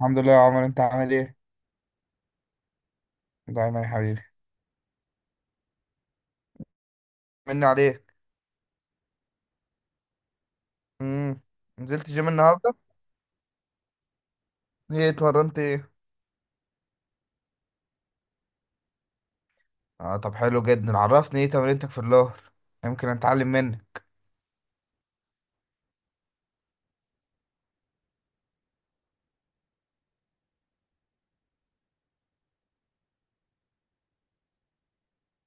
الحمد لله يا عمر، انت عامل ايه؟ دايما يا حبيبي. مني عليك. امم نزلت جيم النهارده. ايه اتمرنت ايه؟ اه طب حلو جدا، عرفني ايه تمرينتك في الظهر، يمكن اتعلم منك.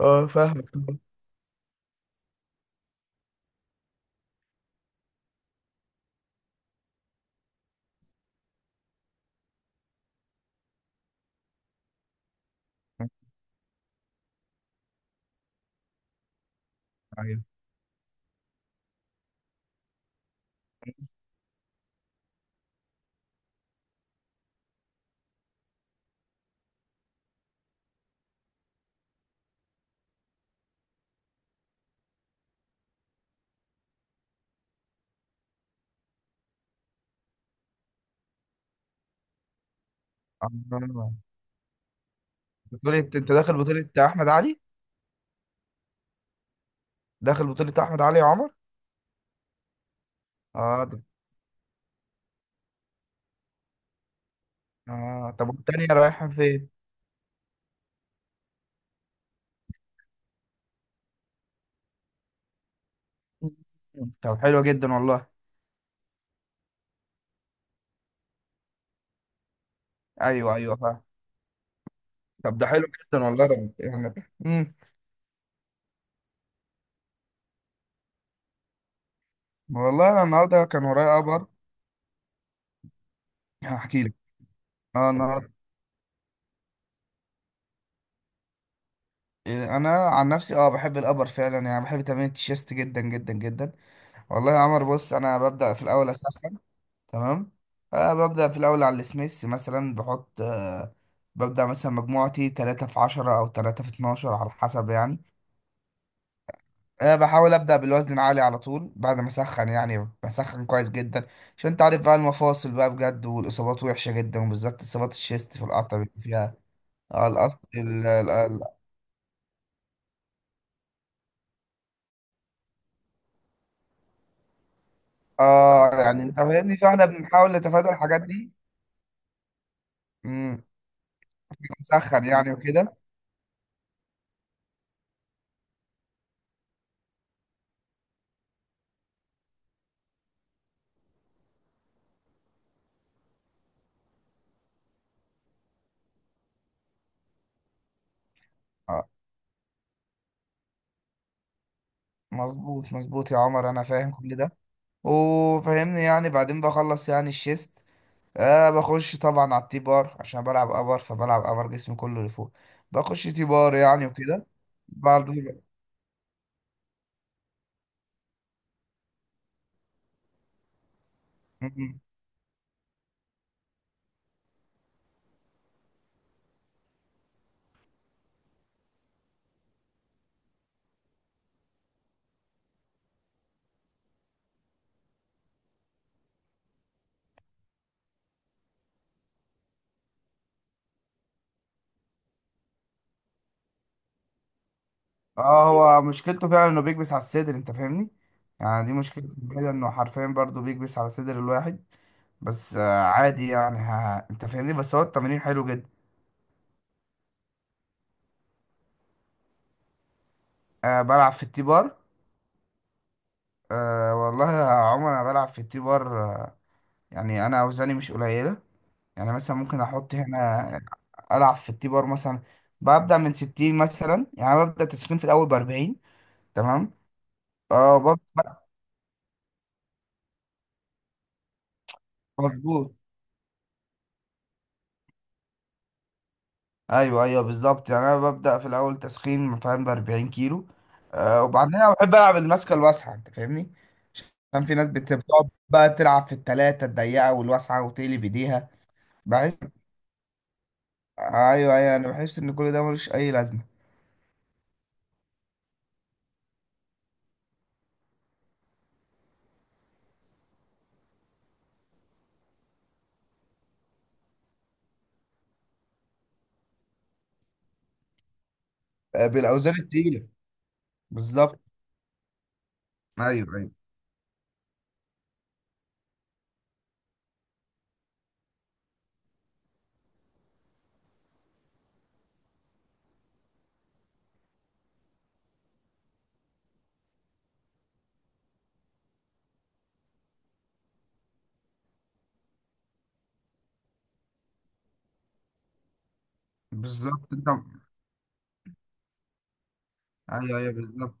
اه فاهمك طبعاً. ايوه. آه. بطولة، انت داخل بطولة احمد علي؟ داخل بطولة احمد علي يا عمر؟ اه ده. اه طب والتانية رايحة فين؟ مم. طب حلو جدا والله. ايوه ايوه فاهم. طب ده حلو جدا والله رب. يعني. امم والله انا النهارده كان ورايا امر. هحكي لك. اه النهارده. انا عن نفسي اه بحب الابر فعلا، يعني بحب تمرين التشيست جدا جدا جدا. والله يا عمر بص، انا ببدا في الاول اسخن. تمام. ببدا في الاول على السميث مثلا بحط، ببدا مثلا مجموعتي 3 في 10 او 3 في 12 على حسب يعني. بحاول ابدا بالوزن العالي على طول بعد ما اسخن، يعني بسخن كويس جدا عشان انت عارف بقى المفاصل بقى بجد، والاصابات وحشه جدا وبالذات اصابات الشيست في القطع بيبقى فيها. آه، القط- ال- ال- اه يعني انت فاهمني، فاحنا بنحاول نتفادى الحاجات دي. امم نسخن يعني وكده. اه مظبوط مظبوط يا عمر، انا فاهم كل ده وفاهمني. يعني بعدين بخلص يعني الشيست. بخش طبعا على التي بار عشان بلعب ابر، فبلعب ابر جسمي كله لفوق. بخش تي بار يعني وكده برضه. مم. اه هو مشكلته فعلا انه بيكبس على الصدر، انت فاهمني. يعني دي مشكلته كده، انه حرفيا برضه بيكبس على صدر الواحد. بس آه عادي يعني، ها انت فاهمني، بس هو التمرين حلو جدا. أه بلعب في التي بار. أه والله يا عمر انا بلعب في التي بار أه. يعني انا اوزاني مش قليله. يعني مثلا ممكن احط هنا، العب في التي بار مثلا. ببدا من 60 مثلا، يعني أنا ببدا تسخين في الاول ب 40. تمام. اه ببدا. مظبوط. ايوه ايوه بالظبط. يعني انا ببدا في الاول تسخين فاهم ب 40 كيلو. أه وبعدين انا بحب العب الماسكه الواسعه، انت فاهمني. عشان في ناس بتقعد بقى تلعب في التلاتة الضيقه والواسعه وتقلب ايديها. بحس. ايوه ايوه انا بحس ان كل ده ملوش اي لازمه. بالاوزان التقيله. بالظبط. ايوه ايوه بالظبط. انت. ايوه ايوه بالظبط.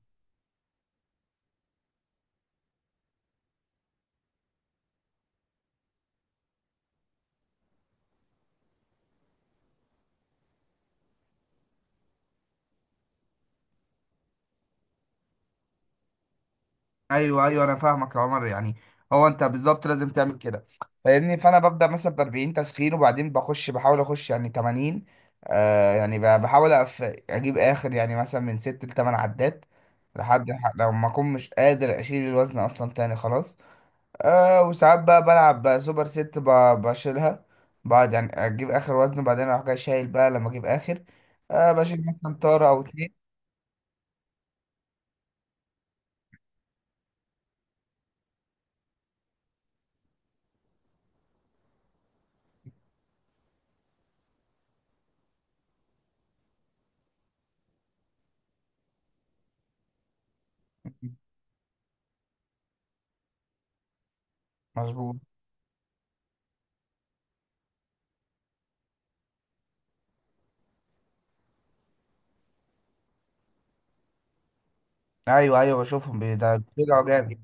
ايوه ايوه انا فاهمك يا عمر يعني. هو انت بالظبط لازم تعمل كده، فاهمني. فانا ببدا مثلا ب 40 تسخين، وبعدين بخش بحاول اخش يعني 80. آه يعني ب- بحاول أف... اجيب اخر يعني مثلا من 6 ل 8 عدات لو ما اكون مش قادر اشيل الوزن اصلا تاني خلاص. وساعات بقى بلعب بقى سوبر ست، بشيلها بعد، يعني اجيب اخر وزن بعدين اروح جاي شايل بقى لما اجيب اخر. بشيل مثلا طارة او اتنين. مظبوط. ايوه ايوه بشوفهم، ده بيرجعوا جامد.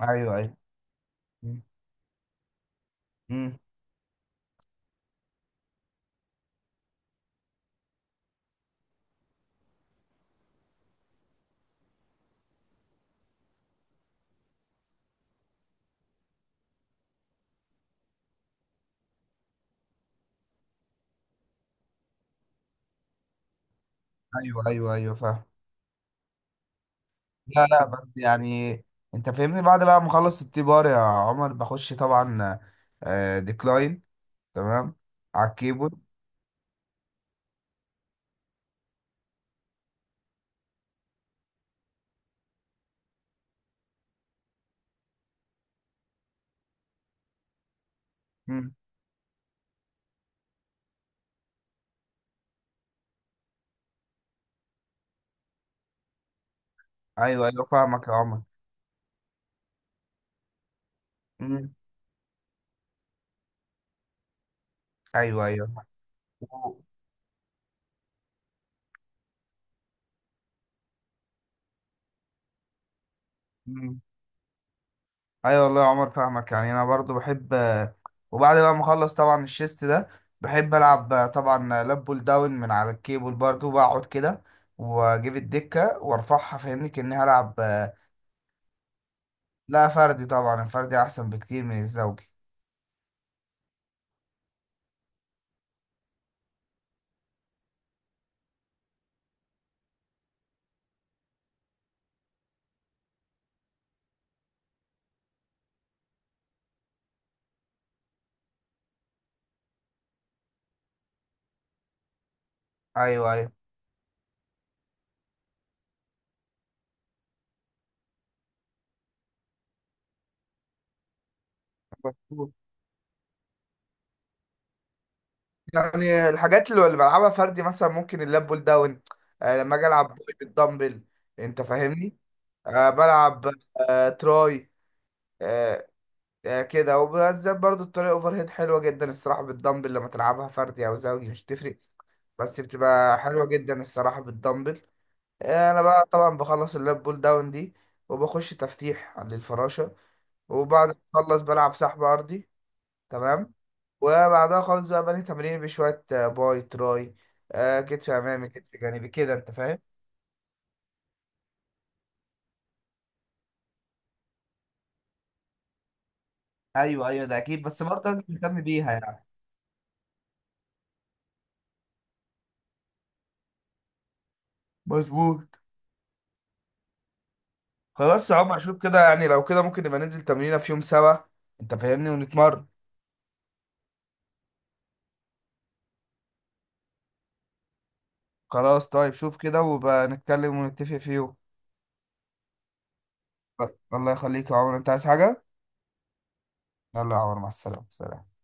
ايوه ايوه. امم ايوه ايوه ايوه فاهم. لا لا بس يعني، انت فاهمني بعد بقى ما اخلص التي بار يا عمر بخش طبعا ديكلاين. تمام. على الكيبورد. امم ايوه ايوه فاهمك يا عمر. امم ايوه ايوه. مم. ايوه والله يا عمر فاهمك، يعني انا برضو بحب. وبعد بقى ما اخلص طبعا الشيست ده، بحب العب طبعا لاب بول داون من على الكيبل برضو، بقعد كده واجيب الدكه وارفعها فاهمني كاني هلعب. لا فردي طبعا، الفردي احسن بكتير من الزوجي. ايوه ايوه مظبوط. يعني الحاجات اللي بلعبها فردي، مثلا ممكن اللاب بول داون. لما اجي العب بالدمبل، انت فاهمني. بلعب تراي آه، كده، وبالذات برضو الطريقة اوفر هيد حلوة جدا الصراحة بالدمبل، لما تلعبها فردي او زوجي مش تفرق. بس بتبقى حلوة جدا الصراحة بالدمبل. انا بقى طبعا بخلص اللاب بول داون دي وبخش تفتيح للفراشة. وبعد ما اخلص بلعب سحب ارضي. تمام. وبعدها خالص بقى بني تمرين بشوية باي تراي، كتف امامي كتف جانبي كده، انت فاهم. ايوه ايوه ده اكيد، بس برضه لازم تهتم بيها يعني. مظبوط. خلاص يا عمر شوف كده، يعني لو كده ممكن نبقى ننزل تمرينة في يوم سوا، انت فاهمني، ونتمرن. خلاص طيب، شوف كده وبقى نتكلم ونتفق في يوم. الله يخليك يا عمر، انت عايز حاجة؟ يلا يا عمر، مع السلامة، سلام.